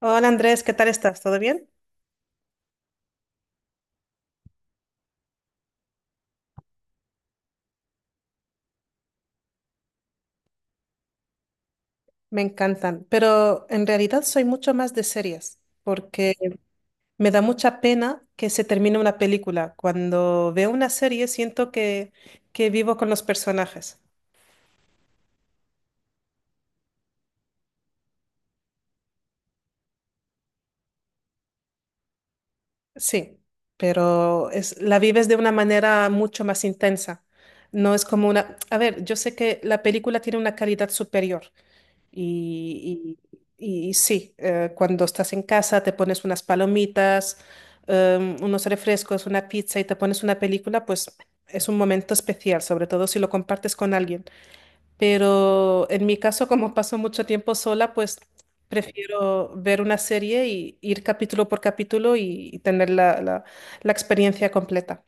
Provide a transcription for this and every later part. Hola Andrés, ¿qué tal estás? ¿Todo bien? Me encantan, pero en realidad soy mucho más de series, porque me da mucha pena que se termine una película. Cuando veo una serie siento que vivo con los personajes. Sí, pero es, la vives de una manera mucho más intensa. No es como una... A ver, yo sé que la película tiene una calidad superior, Y, y sí, cuando estás en casa te pones unas palomitas, unos refrescos, una pizza y te pones una película, pues es un momento especial, sobre todo si lo compartes con alguien. Pero en mi caso, como paso mucho tiempo sola, pues prefiero ver una serie y ir capítulo por capítulo y tener la experiencia completa.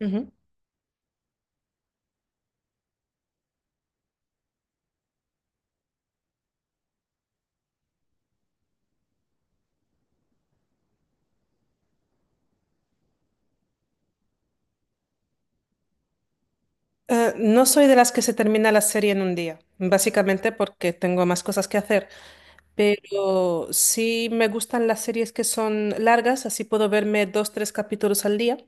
Ujú. No soy de las que se termina la serie en un día, básicamente porque tengo más cosas que hacer. Pero sí me gustan las series que son largas, así puedo verme dos, tres capítulos al día.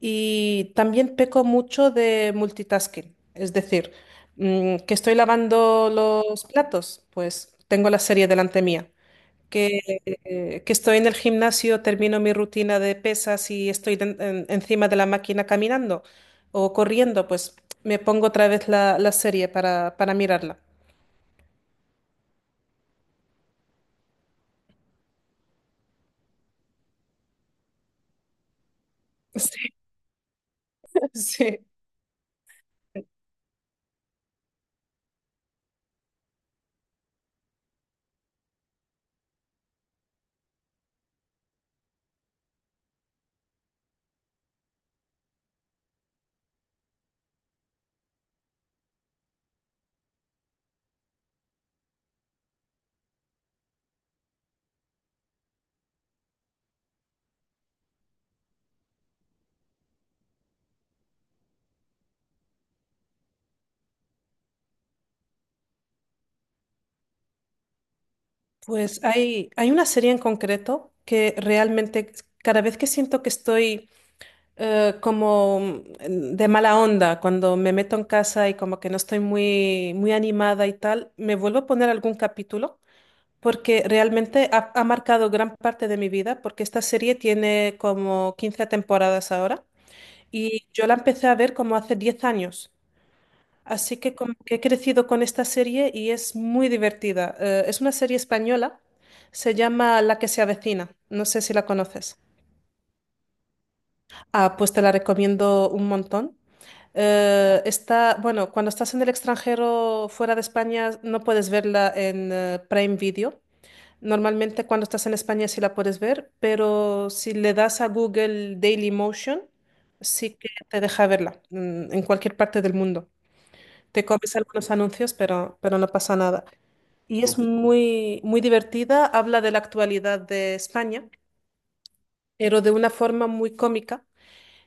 Y también peco mucho de multitasking, es decir, que estoy lavando los platos, pues tengo la serie delante mía. Que, que estoy en el gimnasio, termino mi rutina de pesas y estoy encima de la máquina caminando o corriendo, pues me pongo otra vez la serie para mirarla. Sí, sí. Pues hay una serie en concreto que realmente cada vez que siento que estoy de mala onda, cuando me meto en casa y como que no estoy muy animada y tal, me vuelvo a poner algún capítulo porque realmente ha marcado gran parte de mi vida porque esta serie tiene como 15 temporadas ahora y yo la empecé a ver como hace 10 años. Así que como que he crecido con esta serie y es muy divertida. Es una serie española, se llama La que se avecina. No sé si la conoces. Ah, pues te la recomiendo un montón. Está, bueno, cuando estás en el extranjero fuera de España no puedes verla en Prime Video. Normalmente cuando estás en España sí la puedes ver, pero si le das a Google Daily Motion, sí que te deja verla en cualquier parte del mundo. Te comes algunos anuncios, pero no pasa nada. Y es Ok. Muy, muy divertida. Habla de la actualidad de España, pero de una forma muy cómica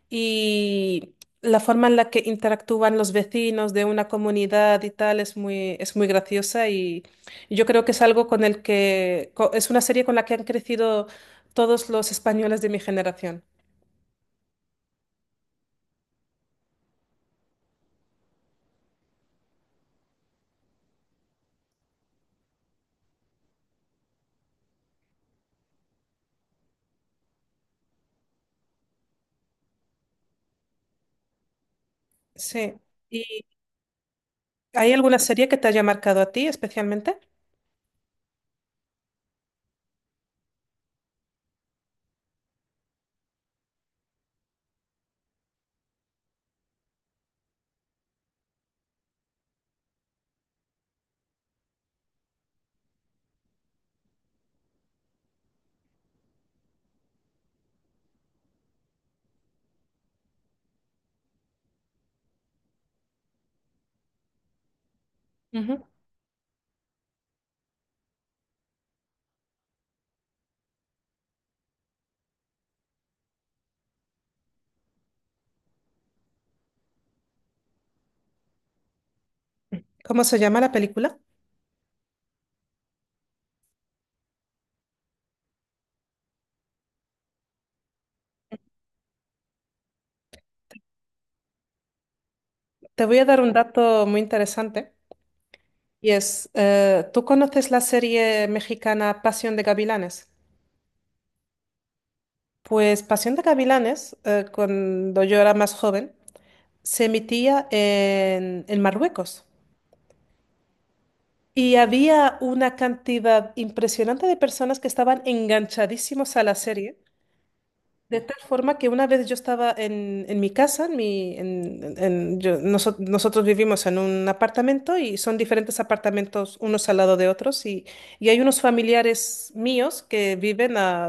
y la forma en la que interactúan los vecinos de una comunidad y tal es muy graciosa y yo creo que es algo con el que es una serie con la que han crecido todos los españoles de mi generación. Sí. ¿Y hay alguna serie que te haya marcado a ti especialmente? ¿Cómo se llama la película? Te voy a dar un dato muy interesante y es, ¿tú conoces la serie mexicana Pasión de Gavilanes? Pues Pasión de Gavilanes, cuando yo era más joven, se emitía en Marruecos y había una cantidad impresionante de personas que estaban enganchadísimos a la serie. De tal forma que una vez yo estaba en mi casa, en mi, en- yo- noso- nosotros vivimos en un apartamento y son diferentes apartamentos unos al lado de otros y hay unos familiares míos que viven a,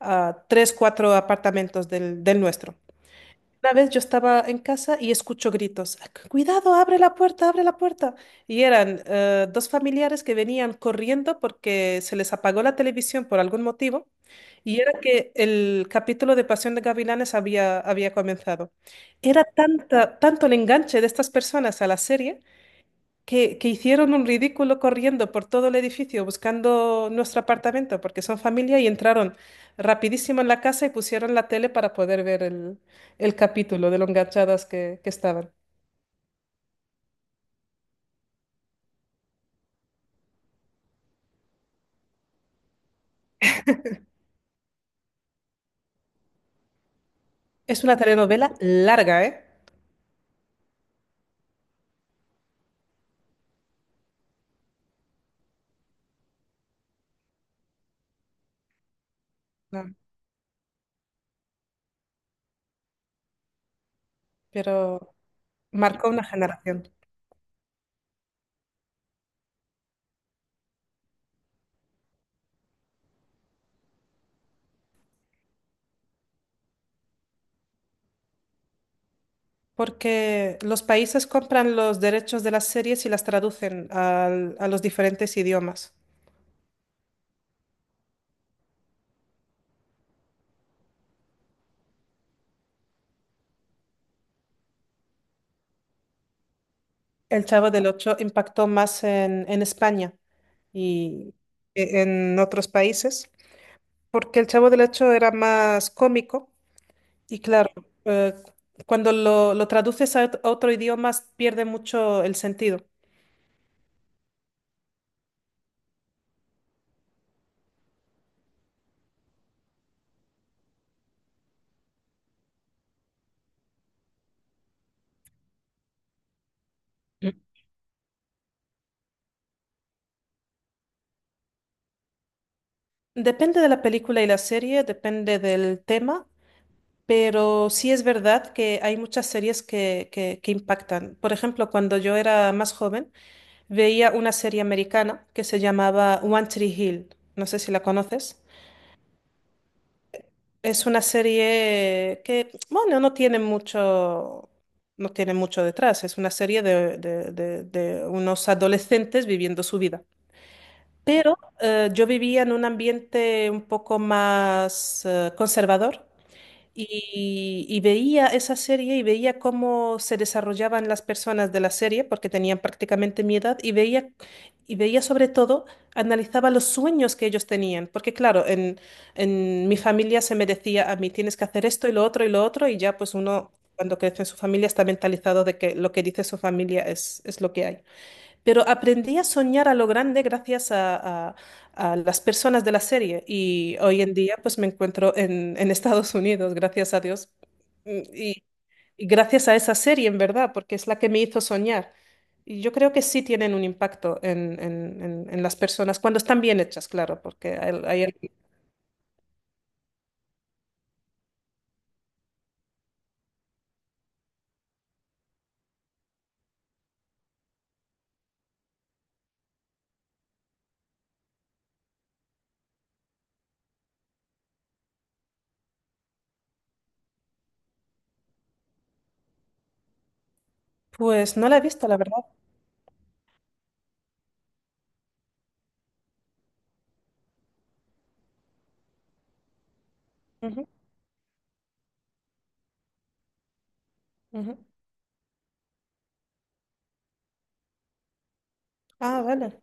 a, a tres, cuatro apartamentos del nuestro. Una vez yo estaba en casa y escucho gritos, cuidado, abre la puerta, abre la puerta. Y eran dos familiares que venían corriendo porque se les apagó la televisión por algún motivo. Y era que el capítulo de Pasión de Gavilanes había comenzado. Era tanto el enganche de estas personas a la serie que hicieron un ridículo corriendo por todo el edificio buscando nuestro apartamento porque son familia y entraron rapidísimo en la casa y pusieron la tele para poder ver el capítulo de lo enganchadas que estaban. Es una telenovela larga, ¿eh? No, pero marcó una generación. Porque los países compran los derechos de las series y las traducen a los diferentes idiomas. El Chavo del Ocho impactó más en España y en otros países, porque el Chavo del Ocho era más cómico y claro, eh, lo traduces a a otro idioma pierde mucho el sentido. Mm. Depende de la película y la serie, depende del tema. Pero sí es verdad que hay muchas series que impactan. Por ejemplo, cuando yo era más joven, veía una serie americana que se llamaba One Tree Hill. No sé si la conoces. Es una serie que, bueno, no tiene mucho, no tiene mucho detrás. Es una serie de unos adolescentes viviendo su vida. Pero yo vivía en un ambiente un poco más conservador. Y veía esa serie y veía cómo se desarrollaban las personas de la serie, porque tenían prácticamente mi edad, y veía sobre todo, analizaba los sueños que ellos tenían, porque claro, en mi familia se me decía a mí, tienes que hacer esto y lo otro y lo otro, y ya pues uno cuando crece en su familia está mentalizado de que lo que dice su familia es lo que hay. Pero aprendí a soñar a lo grande gracias a las personas de la serie y hoy en día pues me encuentro en Estados Unidos, gracias a Dios. Mm, Y, y gracias a esa serie, en verdad, porque es la que me hizo soñar. Y yo creo que sí tienen un impacto en las personas, cuando están bien hechas, claro, porque Pues no la he visto, la verdad. Ujú, ujú. Ah, vale.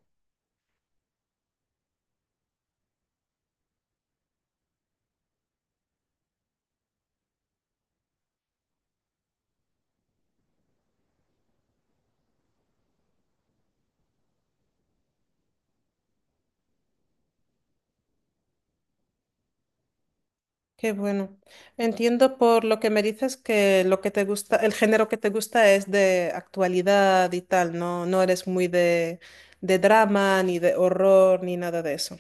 Qué bueno. Entiendo por lo que me dices que lo que te gusta, el género que te gusta es de actualidad y tal, no, no eres muy de drama, ni de horror, ni nada de eso.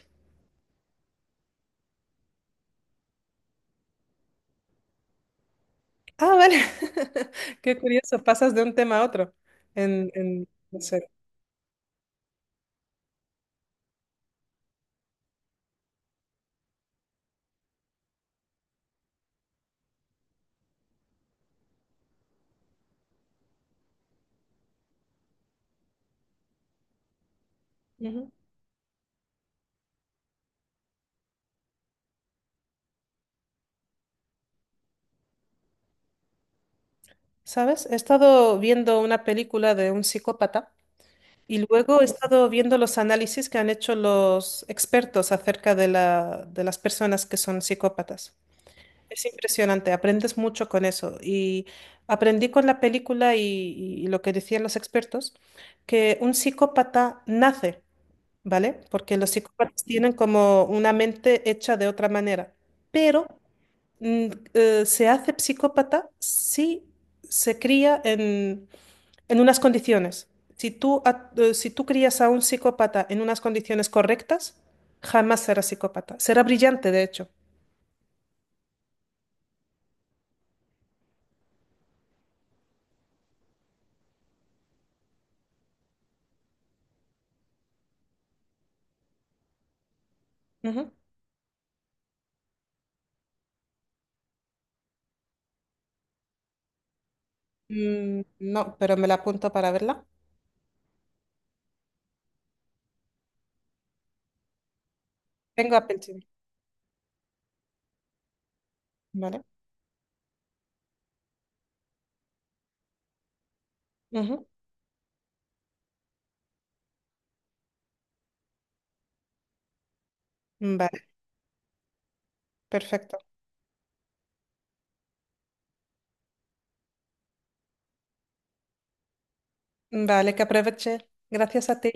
Ah, vale. Qué curioso, pasas de un tema a otro en serio. Ujú. ¿Sabes? He estado viendo una película de un psicópata y luego he estado viendo los análisis que han hecho los expertos acerca de de las personas que son psicópatas. Es impresionante, aprendes mucho con eso. Y aprendí con la película y lo que decían los expertos, que un psicópata nace, ¿vale? Porque los psicópatas tienen como una mente hecha de otra manera, pero mm, se hace psicópata si se cría en unas condiciones. Si si tú crías a un psicópata en unas condiciones correctas, jamás será psicópata. Será brillante, de hecho. Mm, no, pero me la apunto para verla. Tengo Apple TV, ¿vale? Ujú. Vale, perfecto. Vale, que aproveche. Gracias a ti.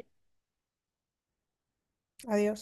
Adiós.